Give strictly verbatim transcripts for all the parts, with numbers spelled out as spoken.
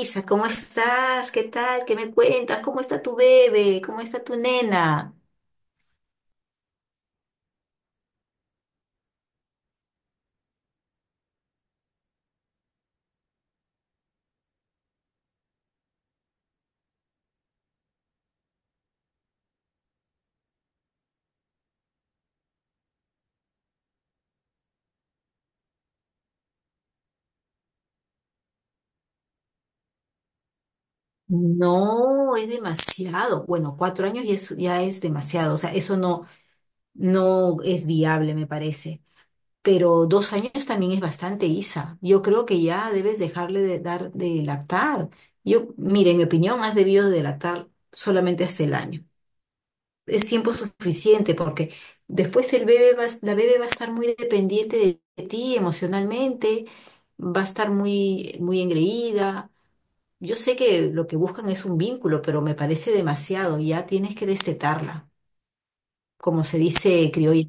Isa, ¿cómo estás? ¿Qué tal? ¿Qué me cuentas? ¿Cómo está tu bebé? ¿Cómo está tu nena? No, es demasiado. Bueno, cuatro años ya es, ya es demasiado. O sea, eso no, no es viable, me parece. Pero dos años también es bastante, Isa. Yo creo que ya debes dejarle de dar de lactar. Yo, mire, en mi opinión, has debido de lactar solamente hasta el año. Es tiempo suficiente porque después el bebé va, a- la bebé va a estar muy dependiente de ti emocionalmente, va a estar muy, muy engreída. Yo sé que lo que buscan es un vínculo, pero me parece demasiado. Ya tienes que destetarla, como se dice criollo.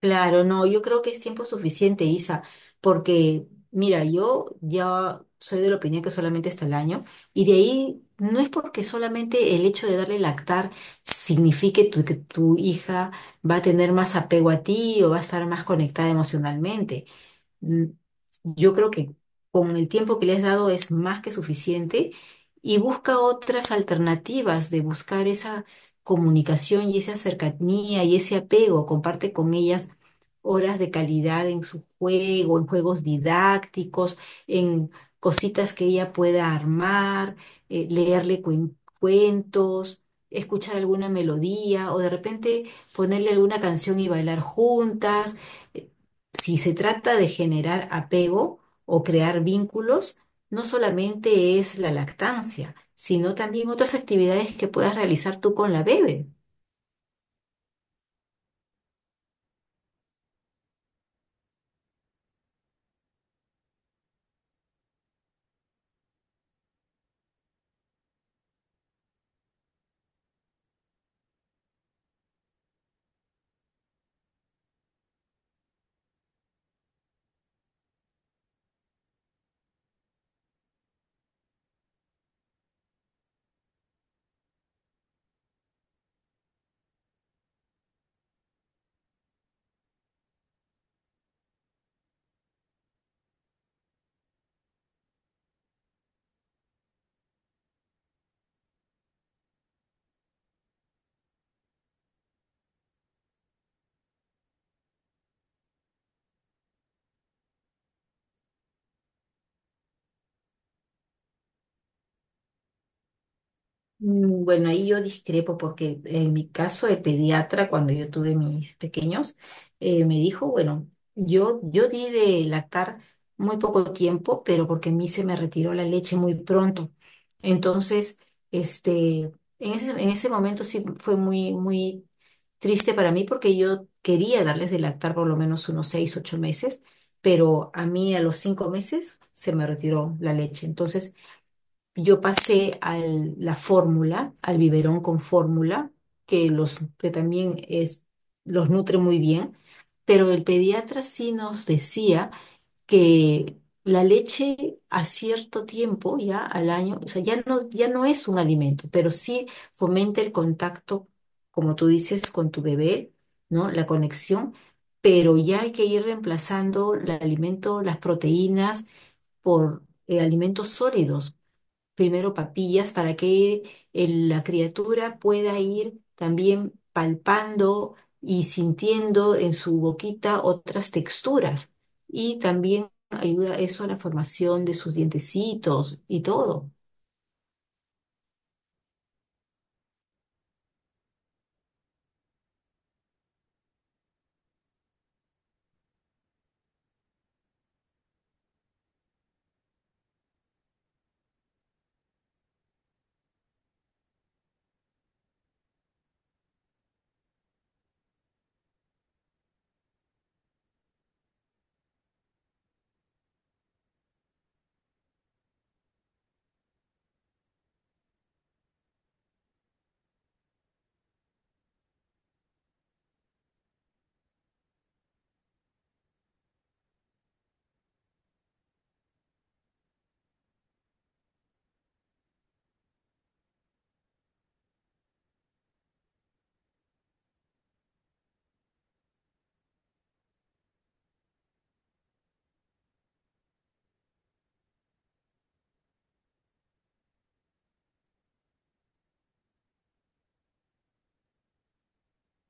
Claro, no, yo creo que es tiempo suficiente, Isa, porque mira, yo ya soy de la opinión que solamente hasta el año, y de ahí no, es porque solamente el hecho de darle lactar signifique tu- que tu hija va a tener más apego a ti o va a estar más conectada emocionalmente. mm, yo creo que con el tiempo que le has dado es más que suficiente y busca otras alternativas de buscar esa comunicación y esa cercanía y ese apego. Comparte con ellas horas de calidad en su juego, en juegos didácticos, en cositas que ella pueda armar, eh, leerle cuen- cuentos. Escuchar alguna melodía o de repente ponerle alguna canción y bailar juntas. eh, si se trata de generar apego o crear vínculos, no solamente es la lactancia, sino también otras actividades que puedas realizar tú con la bebé. Mm, Bueno, ahí yo discrepo porque en mi caso el pediatra, cuando yo tuve mis pequeños, eh, me dijo, bueno, yo, yo di de lactar muy poco tiempo, pero porque a mí se me retiró la leche muy pronto. Entonces, este, en ese, en ese momento sí fue muy, muy triste para mí porque yo quería darles de lactar por lo menos unos seis, ocho meses, pero a mí a los cinco meses se me retiró la leche. Entonces, yo pasé a la fórmula, al biberón con fórmula, que, los, que también es, los nutre muy bien, pero el pediatra sí nos decía que la leche a cierto tiempo, ya al año, o sea, ya no, ya no es un alimento, pero sí fomenta el contacto, como tú dices, con tu bebé, ¿no? La conexión, pero ya hay que ir reemplazando el alimento, las proteínas, por eh, alimentos sólidos, primero papillas para que el- la criatura pueda ir también palpando y sintiendo en su boquita otras texturas. Y también ayuda eso a la formación de sus dientecitos y todo.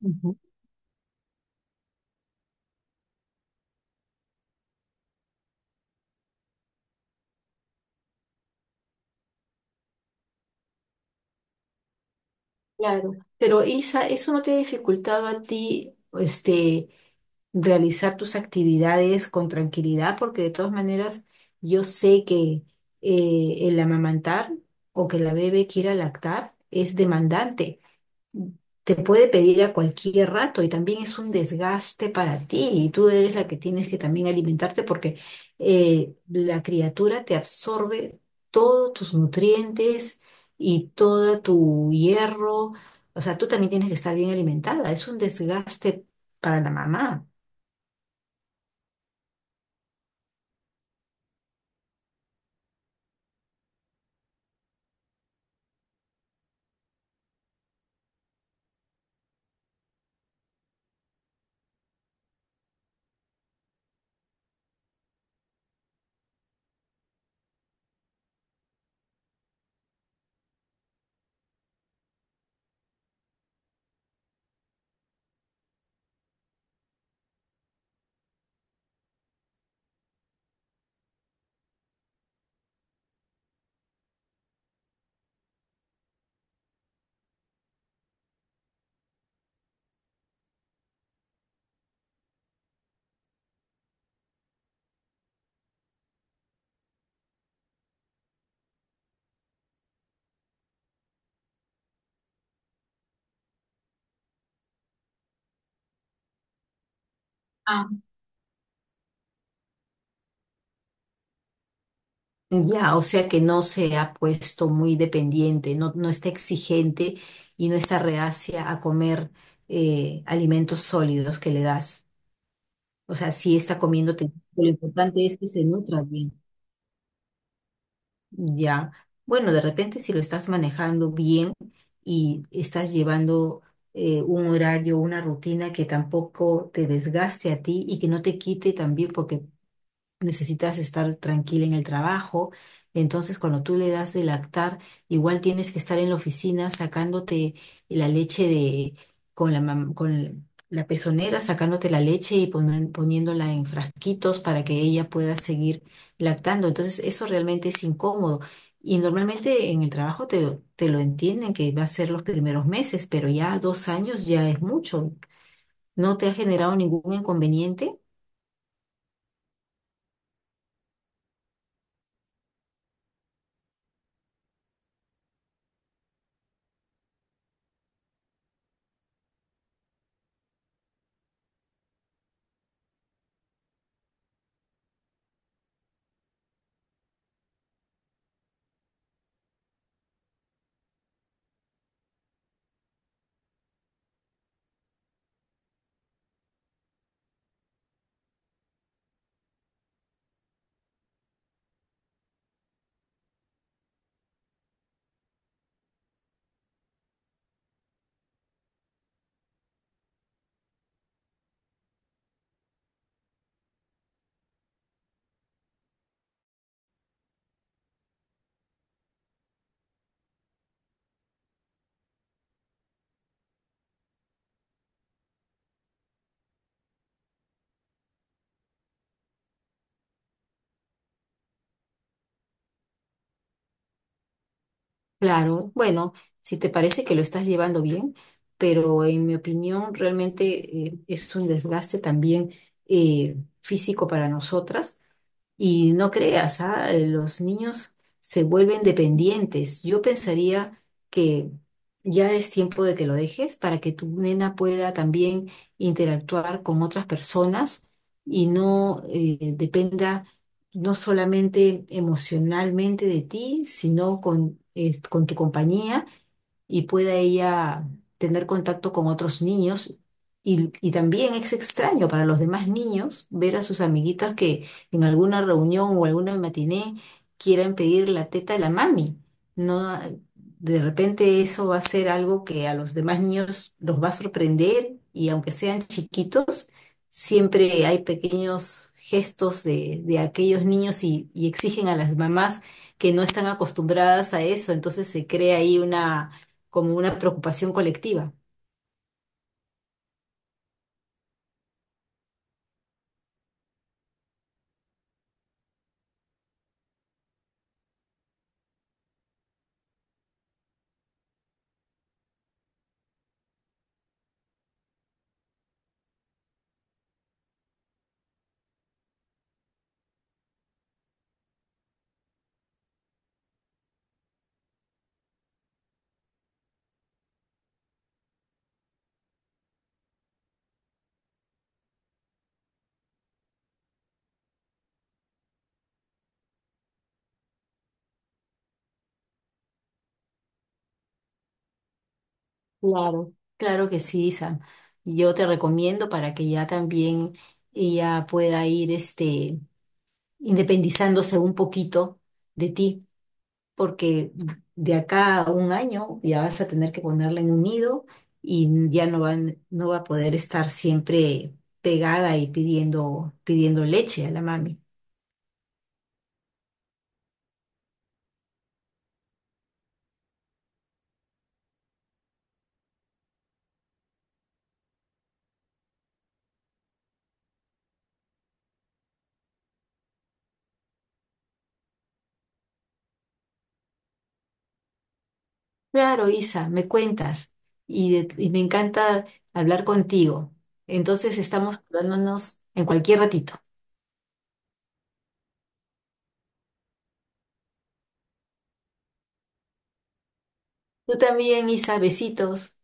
Ujú. Claro. Pero Isa, ¿eso no te ha dificultado a ti, este, realizar tus actividades con tranquilidad? Porque de todas maneras yo sé que eh, el amamantar o que la bebé quiera lactar es demandante. Te puede pedir a cualquier rato y también es un desgaste para ti, y tú eres la que tienes que también alimentarte porque eh, la criatura te absorbe todos tus nutrientes y todo tu hierro. O sea, tú también tienes que estar bien alimentada. Es un desgaste para la mamá. Ya, o sea que no se ha puesto muy dependiente, no, no está exigente y no está reacia a comer eh, alimentos sólidos que le das. O sea, sí está comiendo, te- lo importante es que se nutra bien. Ya, bueno, de repente si lo estás manejando bien y estás llevando eh, un horario, una rutina que tampoco te desgaste a ti y que no te quite también, porque necesitas estar tranquila en el trabajo. Entonces, cuando tú le das de lactar, igual tienes que estar en la oficina sacándote la leche de, con la, mam- con la pezonera, sacándote la leche y ponen- poniéndola en frasquitos para que ella pueda seguir lactando. Entonces, eso realmente es incómodo. Y normalmente en el trabajo te, lo- te lo entienden que va a ser los primeros meses, pero ya dos años ya es mucho. ¿No te ha generado ningún inconveniente? Claro, bueno, si te parece que lo estás llevando bien, pero en mi opinión realmente eh, es un desgaste también eh, físico para nosotras. Y no creas, ah, eh, los niños se vuelven dependientes. Yo pensaría que ya es tiempo de que lo dejes para que tu nena pueda también interactuar con otras personas y no eh, dependa no solamente emocionalmente de ti, sino con, es- con tu compañía, y pueda ella tener contacto con otros niños. Y, y también es extraño para los demás niños ver a sus amiguitas que en alguna reunión o alguna matiné quieran pedir la teta de la mami. No, de repente eso va a ser algo que a los demás niños los va a sorprender, y aunque sean chiquitos, siempre hay pequeños gestos de, de aquellos niños, y y exigen a las mamás que no están acostumbradas a eso, entonces se crea ahí una, como una preocupación colectiva. Claro. Claro que sí, Sam. Yo te recomiendo para que ya también ella pueda ir, este, independizándose un poquito de ti, porque de acá a un año ya vas a tener que ponerla en un nido y ya no va no va a poder estar siempre pegada y pidiendo, pidiendo leche a la mami. Claro, Isa, me cuentas. Y, de- y me encanta hablar contigo. Entonces estamos hablándonos en cualquier ratito. Tú también, Isa, besitos.